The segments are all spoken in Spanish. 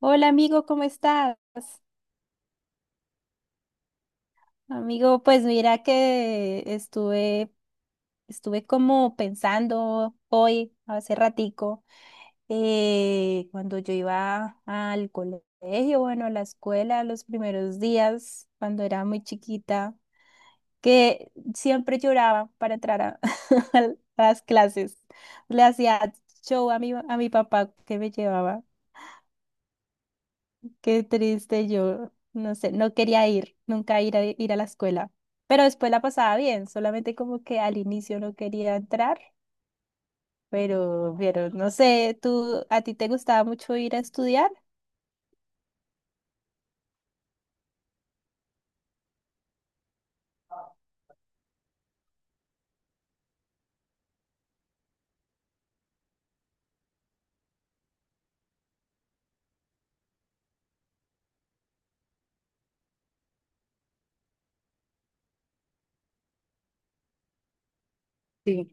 Hola amigo, ¿cómo estás? Amigo, pues mira que estuve, estuve como pensando hoy, hace ratico, cuando yo iba al colegio, bueno, a la escuela, los primeros días, cuando era muy chiquita, que siempre lloraba para entrar a, a las clases. Le hacía show a mi papá que me llevaba. Qué triste, yo no sé, no quería ir, nunca ir a, ir a la escuela, pero después la pasaba bien, solamente como que al inicio no quería entrar, pero no sé, ¿tú a ti te gustaba mucho ir a estudiar? Sí.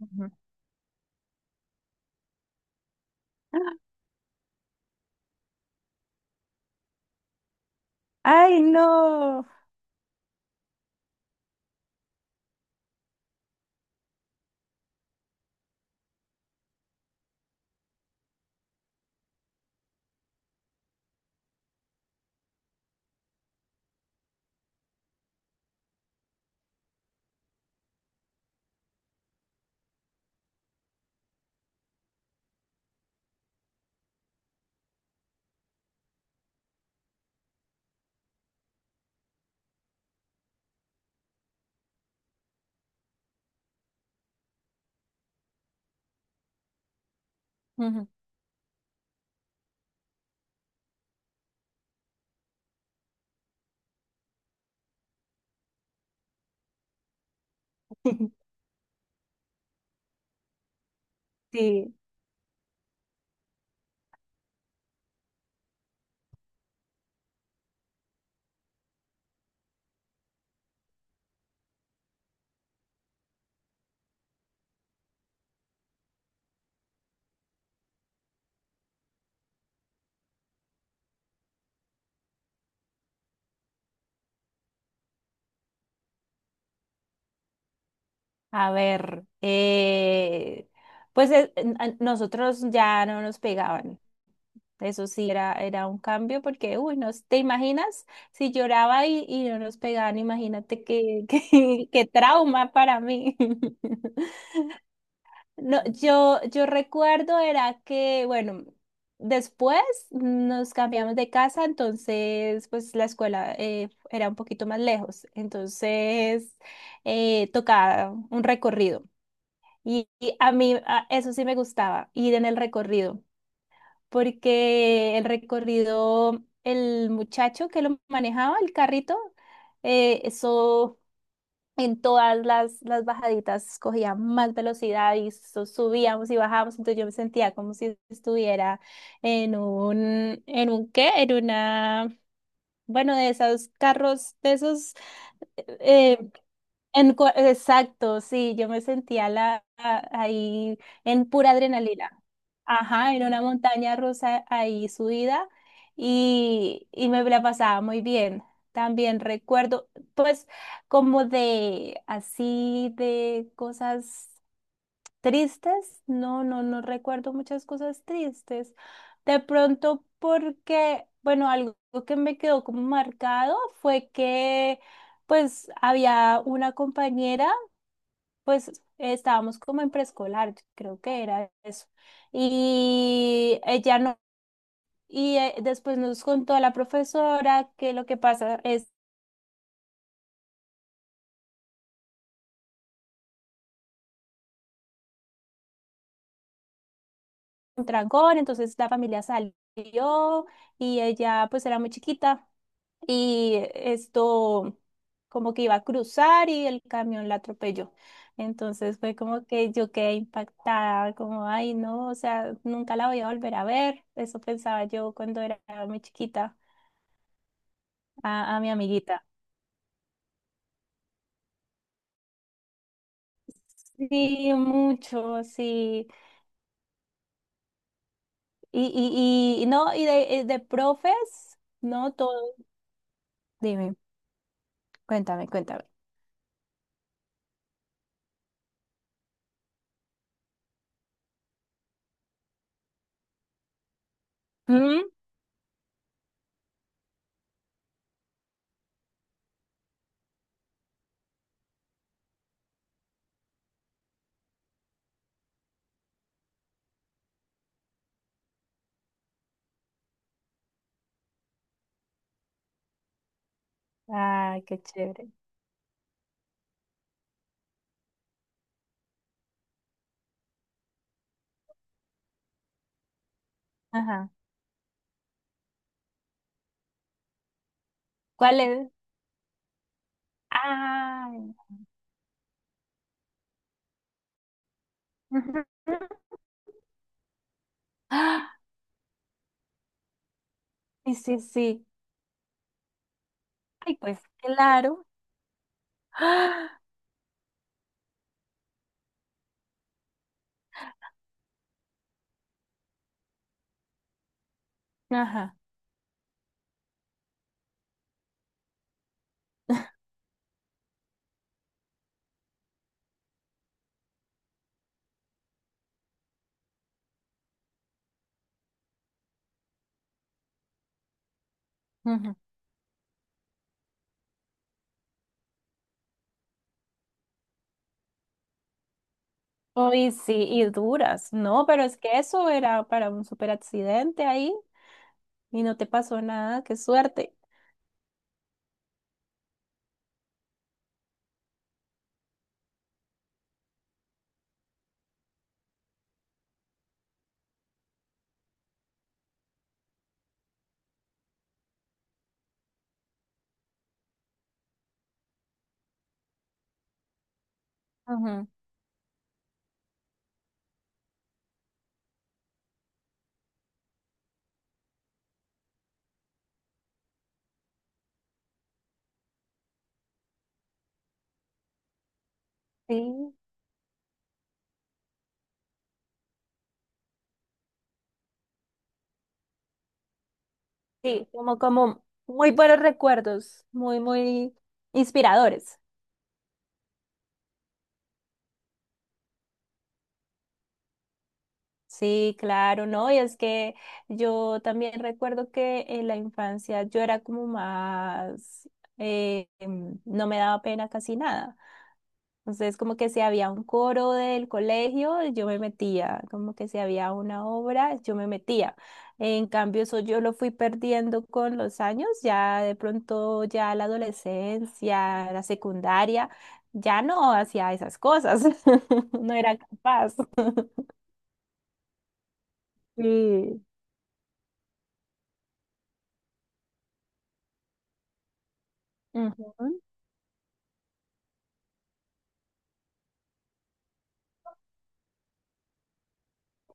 Ujú. Ay, no. Ujú. Sí, a ver, pues a nosotros ya no nos pegaban. Eso sí era un cambio porque, uy, no, ¿te imaginas? Si lloraba y no nos pegaban, imagínate qué, qué, qué trauma para mí. No, yo recuerdo era que, bueno, después nos cambiamos de casa, entonces, pues la escuela era un poquito más lejos, entonces tocaba un recorrido. Y a mí eso sí me gustaba, ir en el recorrido porque el recorrido, el muchacho que lo manejaba, el carrito, eso en todas las bajaditas cogía más velocidad y subíamos y bajábamos, entonces yo me sentía como si estuviera en un qué, en una, bueno, de esos carros, de esos eh, en exacto, sí, yo me sentía ahí en pura adrenalina. Ajá, en una montaña rusa ahí subida y me la pasaba muy bien. También recuerdo, pues, como de así de cosas. Tristes, no, no recuerdo muchas cosas tristes. De pronto porque, bueno, algo que me quedó como marcado fue que pues había una compañera, pues estábamos como en preescolar, creo que era eso. Y ella no, y después nos contó la profesora que lo que pasa es un trancón, entonces la familia salió y ella pues era muy chiquita. Y esto como que iba a cruzar y el camión la atropelló. Entonces fue como que yo quedé impactada, como, ay, no, o sea, nunca la voy a volver a ver. Eso pensaba yo cuando era muy chiquita, a mi amiguita. Sí, mucho, sí. Y, y no, y de profes, no todo. Dime, cuéntame, cuéntame. ¿Mm? Ay, qué chévere. Ajá. ¿Cuál es? Ay. Ujú. Sí, sí, sí. Ay, pues claro. ¡Ah! Ajá. Ujú. Uy, sí, y duras. No, pero es que eso era para un super accidente ahí y no te pasó nada, qué suerte. Ujú. Sí, sí, como, como muy buenos recuerdos, muy, muy inspiradores. Sí, claro, ¿no? Y es que yo también recuerdo que en la infancia yo era como más, no me daba pena casi nada. Entonces, como que si había un coro del colegio, yo me metía, como que si había una obra, yo me metía. En cambio, eso yo lo fui perdiendo con los años, ya de pronto, ya la adolescencia, la secundaria, ya no hacía esas cosas, no era capaz. Sí. Ujú.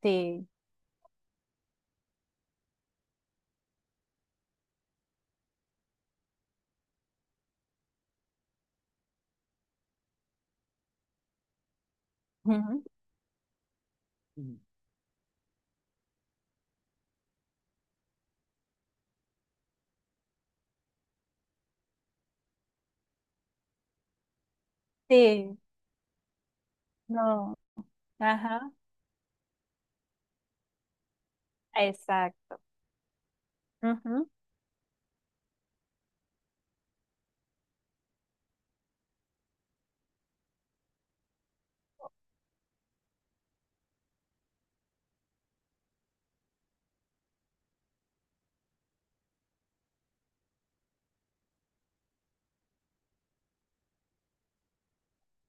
Sí. Ujú. Sí. No. Ajá. Exacto. Ujú.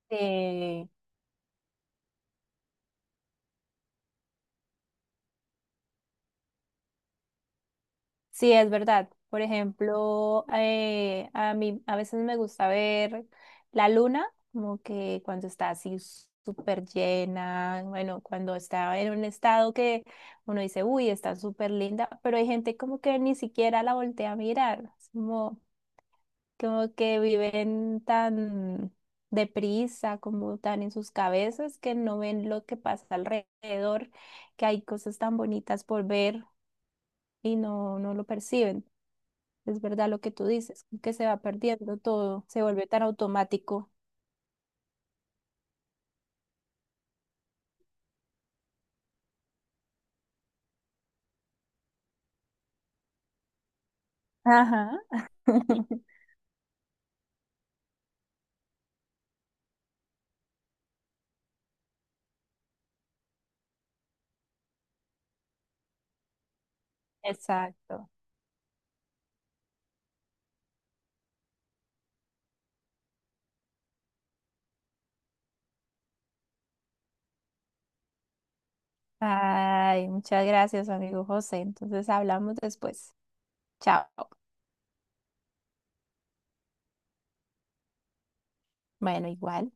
Sí. Sí, es verdad. Por ejemplo, a mí a veces me gusta ver la luna, como que cuando está así súper llena, bueno, cuando está en un estado que uno dice, uy, está súper linda, pero hay gente como que ni siquiera la voltea a mirar, es como, como que viven tan deprisa, como tan en sus cabezas, que no ven lo que pasa alrededor, que hay cosas tan bonitas por ver y no, no lo perciben. Es verdad lo que tú dices, que se va perdiendo todo, se vuelve tan automático. Ajá. Exacto. Ay, muchas gracias, amigo José. Entonces hablamos después. Chao. Bueno, igual.